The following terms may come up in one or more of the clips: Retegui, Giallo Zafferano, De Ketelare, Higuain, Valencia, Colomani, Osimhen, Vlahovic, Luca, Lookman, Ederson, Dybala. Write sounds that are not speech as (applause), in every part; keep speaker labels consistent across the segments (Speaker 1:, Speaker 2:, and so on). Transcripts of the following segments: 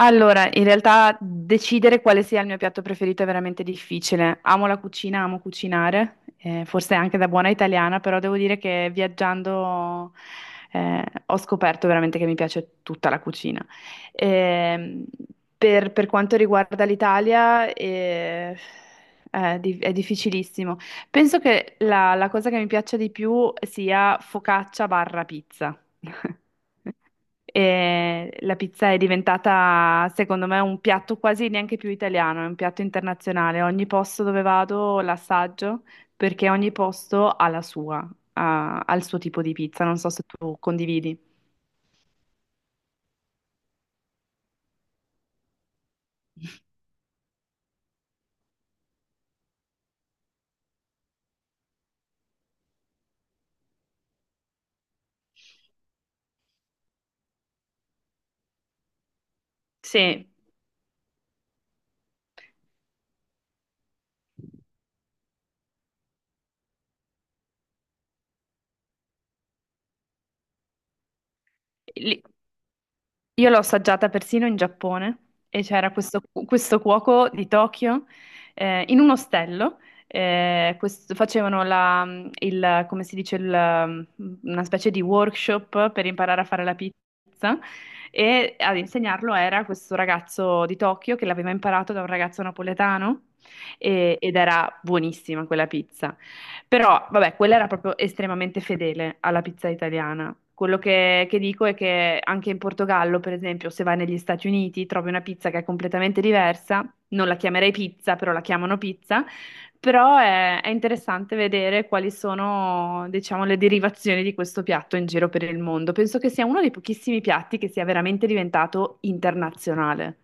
Speaker 1: Allora, in realtà decidere quale sia il mio piatto preferito è veramente difficile. Amo la cucina, amo cucinare, forse anche da buona italiana, però devo dire che viaggiando eh, ho scoperto veramente che mi piace tutta la cucina. Ehm, per quanto riguarda l'Italia, è, è difficilissimo. Penso che la cosa che mi piaccia di più sia focaccia barra pizza. (laughs) E la pizza è diventata, secondo me, un piatto quasi neanche più italiano, è un piatto internazionale. Ogni posto dove vado l'assaggio perché ogni posto ha la sua, ha il suo tipo di pizza. Non so se tu condividi. Sì, lì. Io l'ho assaggiata persino in Giappone e c'era questo cuoco di Tokyo in un ostello. Facevano come si dice, una specie di workshop per imparare a fare la pizza e ad insegnarlo era questo ragazzo di Tokyo che l'aveva imparato da un ragazzo napoletano ed era buonissima quella pizza. Però, vabbè, quella era proprio estremamente fedele alla pizza italiana. Quello che dico è che anche in Portogallo, per esempio, se vai negli Stati Uniti, trovi una pizza che è completamente diversa. Non la chiamerei pizza, però la chiamano pizza. Però è interessante vedere quali sono, diciamo, le derivazioni di questo piatto in giro per il mondo. Penso che sia uno dei pochissimi piatti che sia veramente diventato internazionale.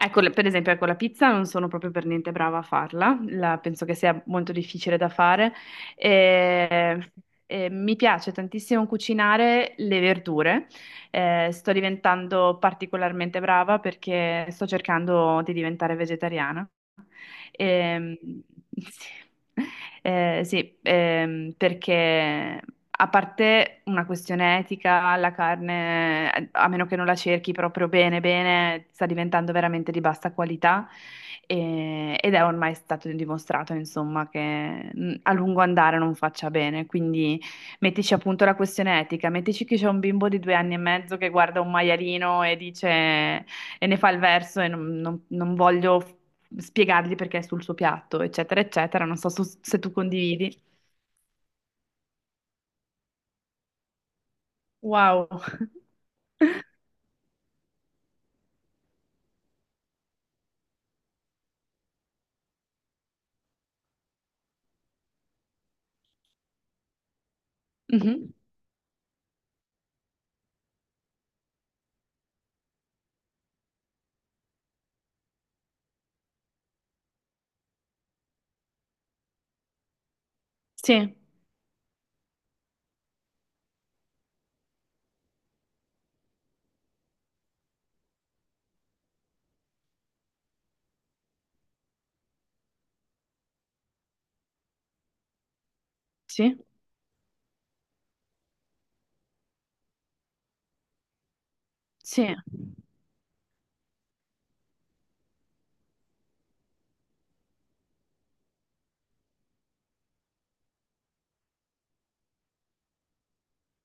Speaker 1: Ecco, per esempio, ecco, la pizza non sono proprio per niente brava a farla, penso che sia molto difficile da fare. E- e mi piace tantissimo cucinare le verdure. Sto diventando particolarmente brava perché sto cercando di diventare vegetariana. Ehm, (laughs) sì. Sì, perché a parte una questione etica, la carne, a meno che non la cerchi proprio bene, bene, sta diventando veramente di bassa qualità ed è ormai stato dimostrato, insomma, che a lungo andare non faccia bene. Quindi mettici appunto la questione etica, mettici che c'è un bimbo di 2 anni e mezzo che guarda un maialino e dice e ne fa il verso e non voglio spiegargli perché è sul suo piatto, eccetera, eccetera. Non so se tu condividi. Wow. Mhm. Sì, sì, sì.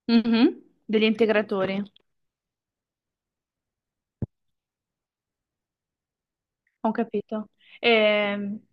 Speaker 1: Mhm. Degli integratori, ho capito. Ehm,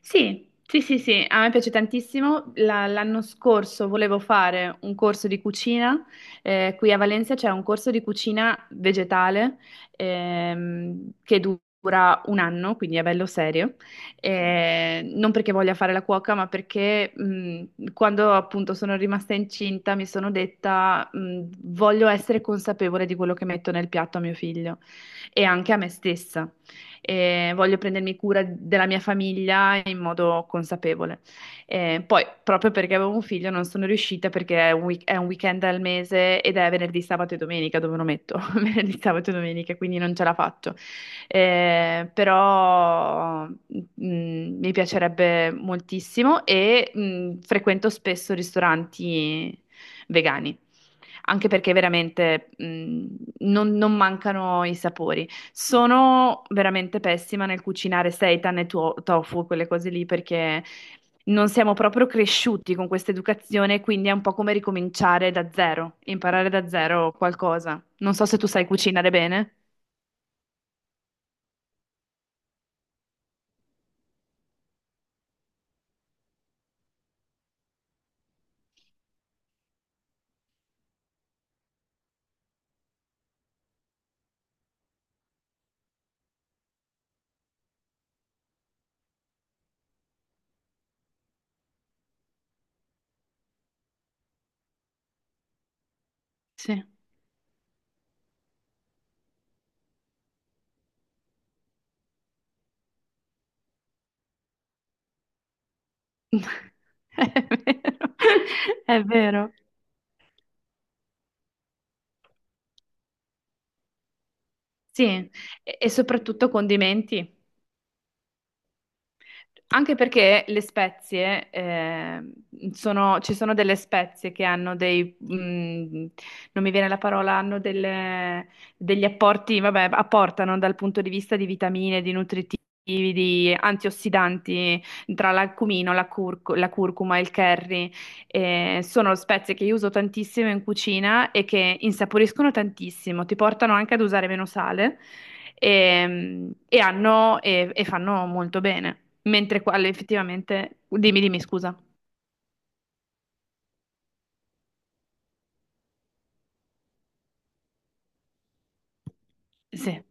Speaker 1: Sì, sì, sì, sì, a me piace tantissimo. L'anno scorso volevo fare un corso di cucina. Eh, qui a Valencia c'è un corso di cucina vegetale, che dura un anno, quindi è bello serio. Non perché voglia fare la cuoca, ma perché quando appunto sono rimasta incinta mi sono detta, voglio essere consapevole di quello che metto nel piatto a mio figlio e anche a me stessa e voglio prendermi cura della mia famiglia in modo consapevole. Poi, proprio perché avevo un figlio, non sono riuscita perché è un, è un weekend al mese ed è venerdì, sabato e domenica, dove lo metto? (laughs) Venerdì, sabato e domenica, quindi non ce la faccio. Però mi piacerebbe moltissimo e frequento spesso ristoranti vegani, anche perché veramente, non mancano i sapori. Sono veramente pessima nel cucinare seitan e tofu, quelle cose lì, perché non siamo proprio cresciuti con questa educazione, quindi è un po' come ricominciare da zero, imparare da zero qualcosa. Non so se tu sai cucinare bene. Sì. (laughs) È vero. È vero. Sì, e soprattutto condimenti. Anche perché le spezie, ci sono delle spezie che hanno dei, non mi viene la parola, degli apporti, vabbè, apportano dal punto di vista di vitamine, di nutritivi, di antiossidanti, tra l'accumino, la curcuma, il curry. Sono spezie che io uso tantissimo in cucina e che insaporiscono tantissimo, ti portano anche ad usare meno sale e fanno molto bene. Mentre quale effettivamente, dimmi, dimmi, scusa. Sì,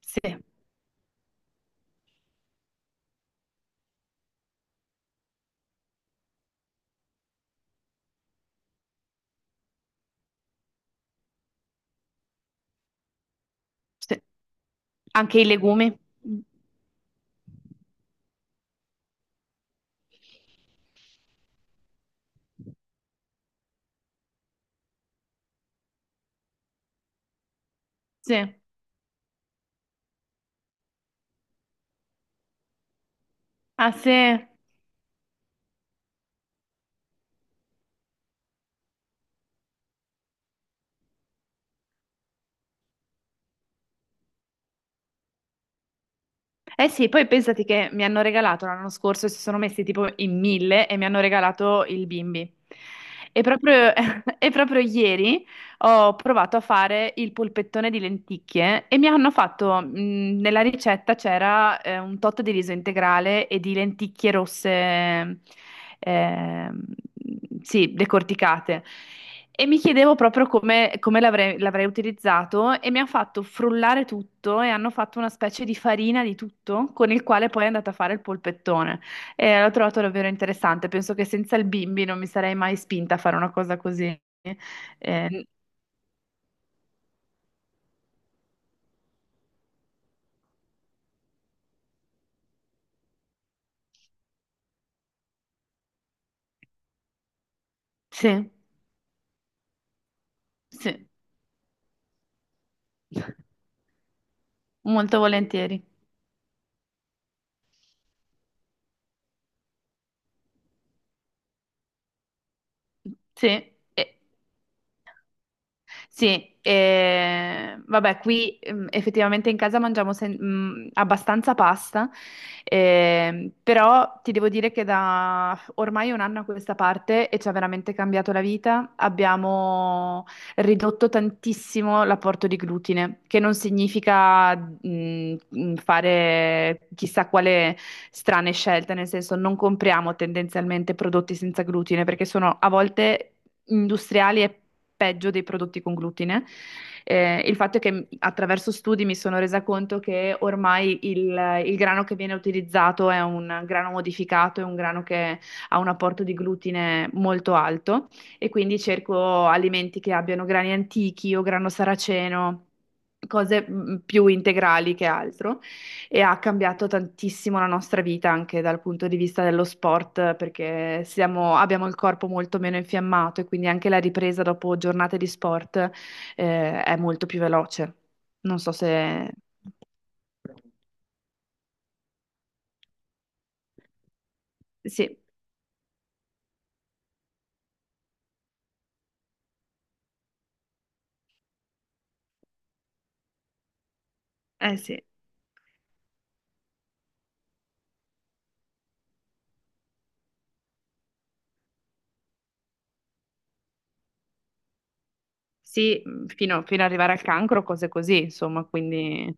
Speaker 1: sì, sì. Anche i legumi. Sì. Ah, sì. Eh sì, poi pensati che mi hanno regalato l'anno scorso, si sono messi tipo in 1000 e mi hanno regalato il bimbi. E proprio, (laughs) e proprio ieri ho provato a fare il polpettone di lenticchie e mi hanno fatto, nella ricetta c'era, un tot di riso integrale e di lenticchie rosse, ehm, sì, decorticate. E mi chiedevo proprio come l'avrei utilizzato, e mi hanno fatto frullare tutto e hanno fatto una specie di farina di tutto con il quale poi è andata a fare il polpettone. E l'ho trovato davvero interessante. Penso che senza il bimbi non mi sarei mai spinta a fare una cosa così. Eh, Sì, sì, molto volentieri. Sì, e, sì, vabbè, qui, effettivamente in casa mangiamo abbastanza pasta, però ti devo dire che da ormai un anno a questa parte e ci ha veramente cambiato la vita, abbiamo ridotto tantissimo l'apporto di glutine, che non significa, fare chissà quale strane scelte, nel senso non compriamo tendenzialmente prodotti senza glutine perché sono a volte industriali è peggio dei prodotti con glutine. Il fatto è che attraverso studi mi sono resa conto che ormai il grano che viene utilizzato è un grano modificato, è un grano che ha un apporto di glutine molto alto e quindi cerco alimenti che abbiano grani antichi o grano saraceno. Cose più integrali che altro, e ha cambiato tantissimo la nostra vita anche dal punto di vista dello sport, perché abbiamo il corpo molto meno infiammato e quindi anche la ripresa dopo giornate di sport, è molto più veloce. Non so se... Sì, eh sì, sì, fino, fino ad arrivare al cancro, cose così, insomma, quindi...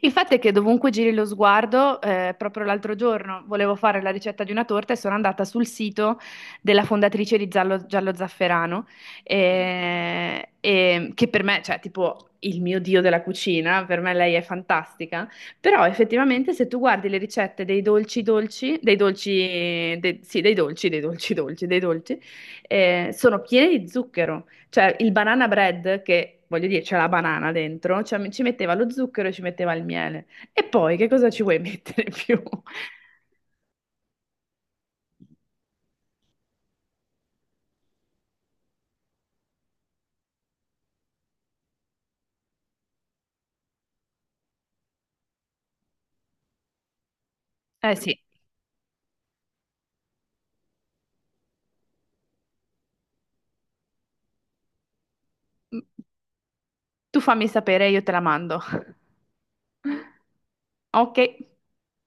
Speaker 1: Il fatto è che dovunque giri lo sguardo, proprio l'altro giorno volevo fare la ricetta di una torta e sono andata sul sito della fondatrice di Giallo, Giallo Zafferano, che per me, cioè, tipo il mio dio della cucina, per me lei è fantastica, però effettivamente se tu guardi le ricette dei dolci dolci, sì, dei dolci, dei dolci, sono piene di zucchero. Cioè, il banana bread, che voglio dire, c'è la banana dentro, cioè, ci metteva lo zucchero e ci metteva il miele. E poi che cosa ci vuoi mettere (laughs) più? Eh sì, tu fammi sapere, io te la mando. Ok.